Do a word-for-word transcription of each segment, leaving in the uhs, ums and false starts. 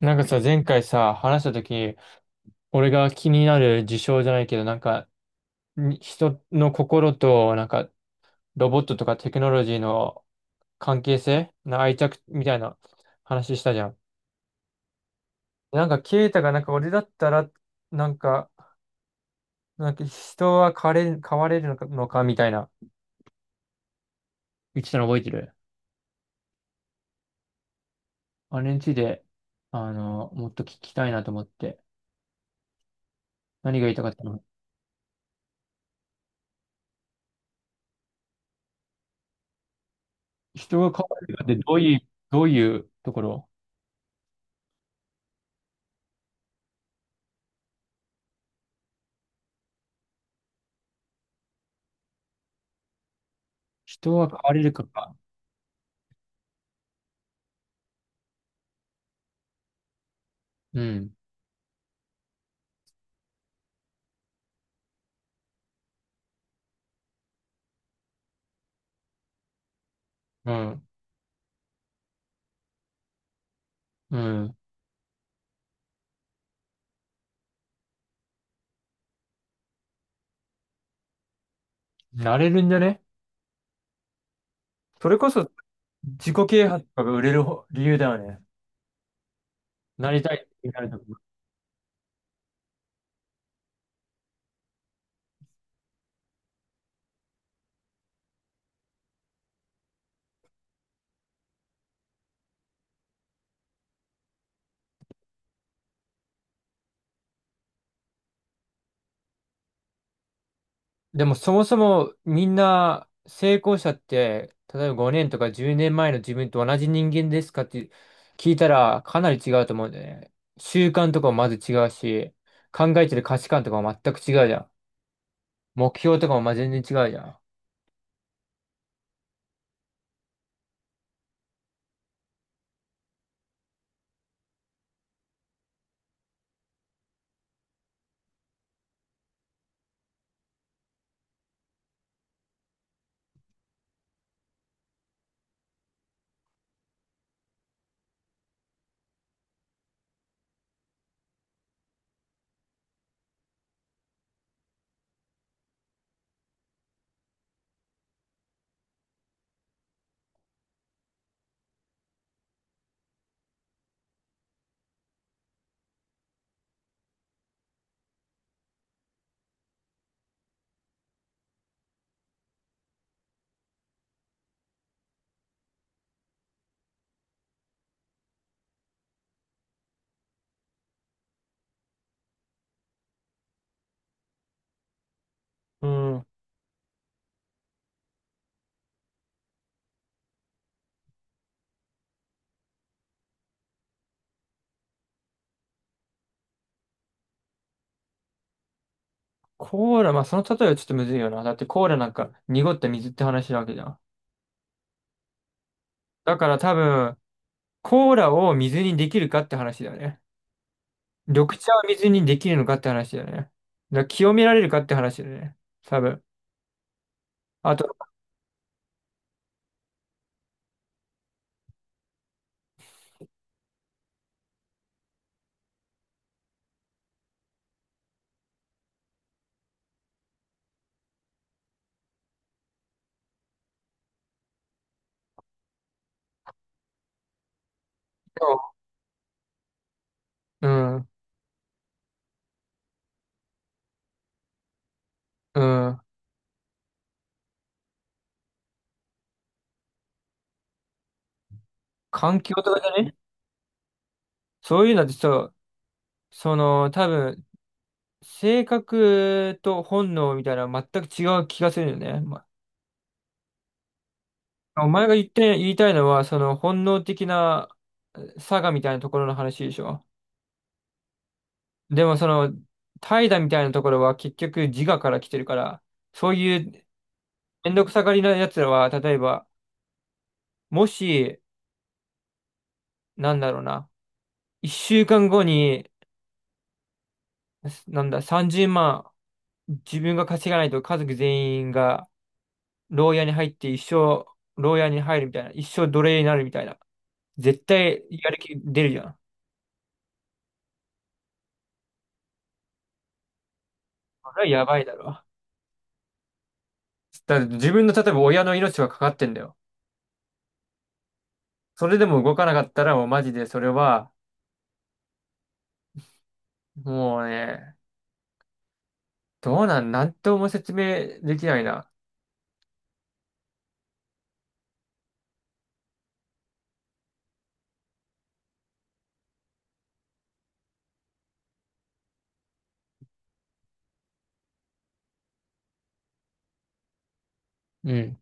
なんかさ、前回さ、話したとき、俺が気になる事象じゃないけど、なんか、に人の心と、なんか、ロボットとかテクノロジーの関係性な愛着みたいな話したじゃん。なんか、ケイタが、なんか、俺だったら、なんか、なんか、人は変われる、変われるのか、のかみたいな、言ってたの覚えてる？あれについて、あの、もっと聞きたいなと思って。何が言いたかったの？人が変われるかって、どういう、どういうところ？人は変われるかか。うん。うん。うん。なれるんじゃね？それこそ自己啓発とかが売れるほ理由だよね。なりたいってなると、でもそもそもみんな成功者って、例えばごねんとかじゅうねんまえの自分と同じ人間ですかって聞いたらかなり違うと思うんだよね。習慣とかもまず違うし、考えてる価値観とかも全く違うじゃん。目標とかもまあ全然違うじゃん。うん。コーラ、まあその例えはちょっとむずいよな。だってコーラなんか濁った水って話なわけじゃん。だから多分、コーラを水にできるかって話だよね。緑茶を水にできるのかって話だよね。だから清められるかって話だよね。多分。あと、うん、うん。環境とかじゃね？そういうのってさ、その、多分、性格と本能みたいなのは全く違う気がするよね。まお前が言って、言いたいのは、その本能的なえ差がみたいなところの話でしょ。でもその、怠惰みたいなところは結局自我から来てるから、そういうめんどくさがりなやつらは、例えば、もし、なんだろうな、一週間後に、すなんだ、さんじゅうまん、自分が稼がないと家族全員が、牢屋に入って一生、牢屋に入るみたいな、一生奴隷になるみたいな。絶対、やる気出るじゃん。それはやばいだろ。だって自分の、例えば親の命がかかってんだよ。それでも動かなかったら、もうマジでそれは、もうね、どうなん、なんとも説明できないな。うん。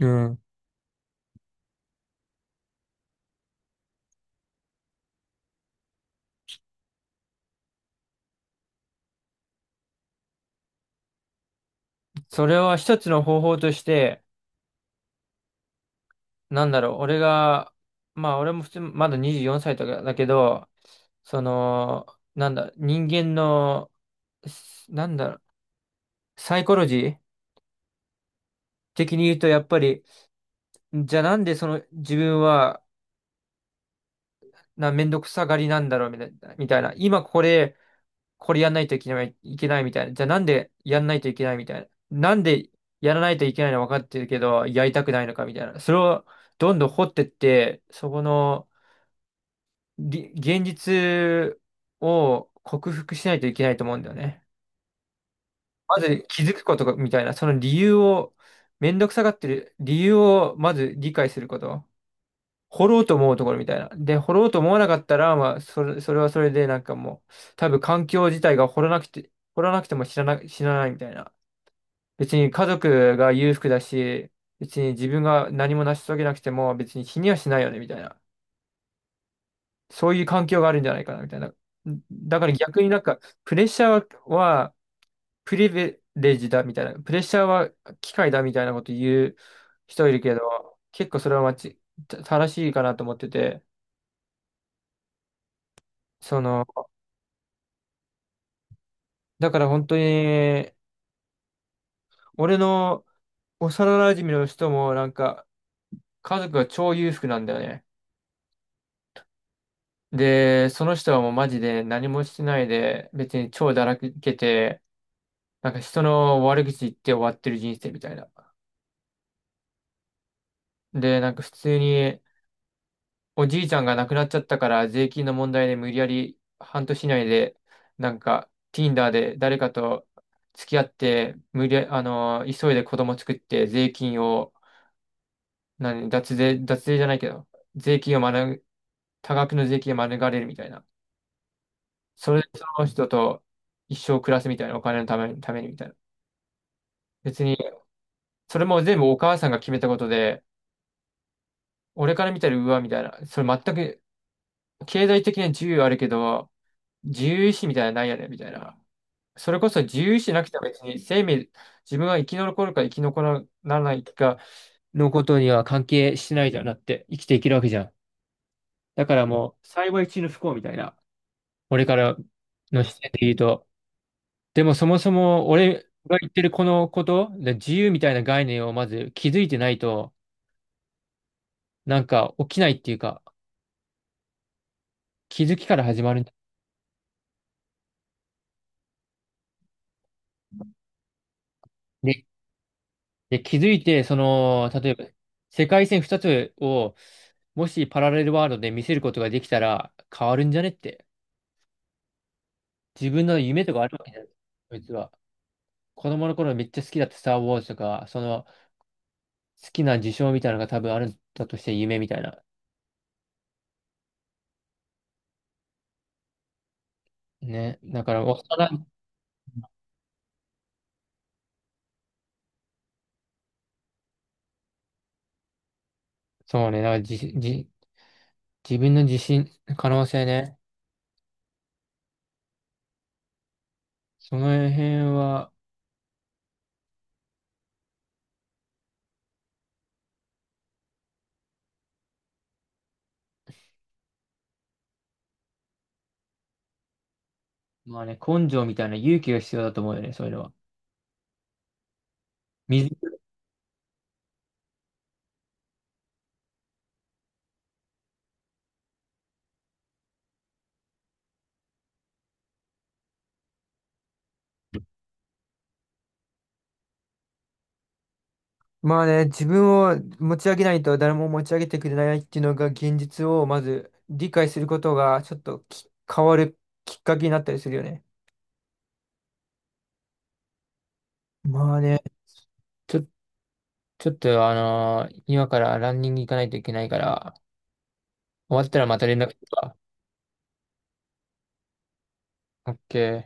うん。それは一つの方法として、なんだろう、俺が、まあ俺も普通、まだにじゅうよんさいとかだけど、その、なんだ、人間の、すなんだろう、サイコロジー的に言うと、やっぱり、じゃあなんでその自分は、な、めんどくさがりなんだろうみたいな、みたいな。今これ、これやんないといけない、いけないみたいな。じゃあなんでやんないといけないみたいな。なんでやらないといけないの分かってるけど、やりたくないのかみたいな。それをどんどん掘ってって、そこの、り現実を克服しないといけないと思うんだよね。まず気づくことがみたいな、その理由を、めんどくさがってる理由をまず理解すること。掘ろうと思うところみたいな。で、掘ろうと思わなかったら、まあ、それ、それはそれでなんかもう、多分環境自体が掘らなくて、掘らなくても知らな、知らないみたいな。別に家族が裕福だし、別に自分が何も成し遂げなくても別に死にはしないよねみたいな。そういう環境があるんじゃないかな、みたいな。だから逆になんか、プレッシャーはプリベレージだ、みたいな。プレッシャーは機械だ、みたいなこと言う人いるけど、結構それは間違た正しいかなと思ってて、その、だから本当に、俺の幼馴染の人もなんか、家族が超裕福なんだよね。で、その人はもうマジで何もしてないで、別に超だらけて、なんか人の悪口言って終わってる人生みたいな。で、なんか普通におじいちゃんが亡くなっちゃったから税金の問題で無理やり半年以内でなんか Tinder で誰かと付き合って無理や、あのー急いで子供作って税金を何、脱税、脱税じゃないけど税金を免、多額の税金を免れるみたいな。それでその人と一生暮らすみたいなお金のために、ためにみたいな。別にそれも全部お母さんが決めたことで俺から見たらうわみたいな。それ全く経済的には自由あるけど、自由意志みたいなのないよね、みたいな。それこそ自由意志なくては別に生命、自分が生き残るか生き残らないかのことには関係してないじゃん、だって生きていけるわけじゃん。だからもう、幸い中の不幸みたいな、俺からの視点で言うと。でもそもそも俺が言ってるこのこと、で自由みたいな概念をまず気づいてないと、なんか起きないっていうか、気づきから始まるんだ。で、気づいて、その、例えば、世界線ふたつを、もしパラレルワールドで見せることができたら変わるんじゃねって。自分の夢とかあるわけじゃない。こいつは。子供の頃めっちゃ好きだったスター・ウォーズとか、その好きな事象みたいなのが多分あるんだとして夢みたいな。ね。だから、幼い、そうね。だからじ、じ、自分の自信、可能性ね。その辺は、まあね、根性みたいな勇気が必要だと思うよね、そういうのは。自まあね、自分を持ち上げないと誰も持ち上げてくれないっていうのが現実をまず理解することがちょっとき変わるきっかけになったりするよね。まあね、ちょ、ちょっとあのー今からランニング行かないといけないから、終わったらまた連絡するわ。オッケー。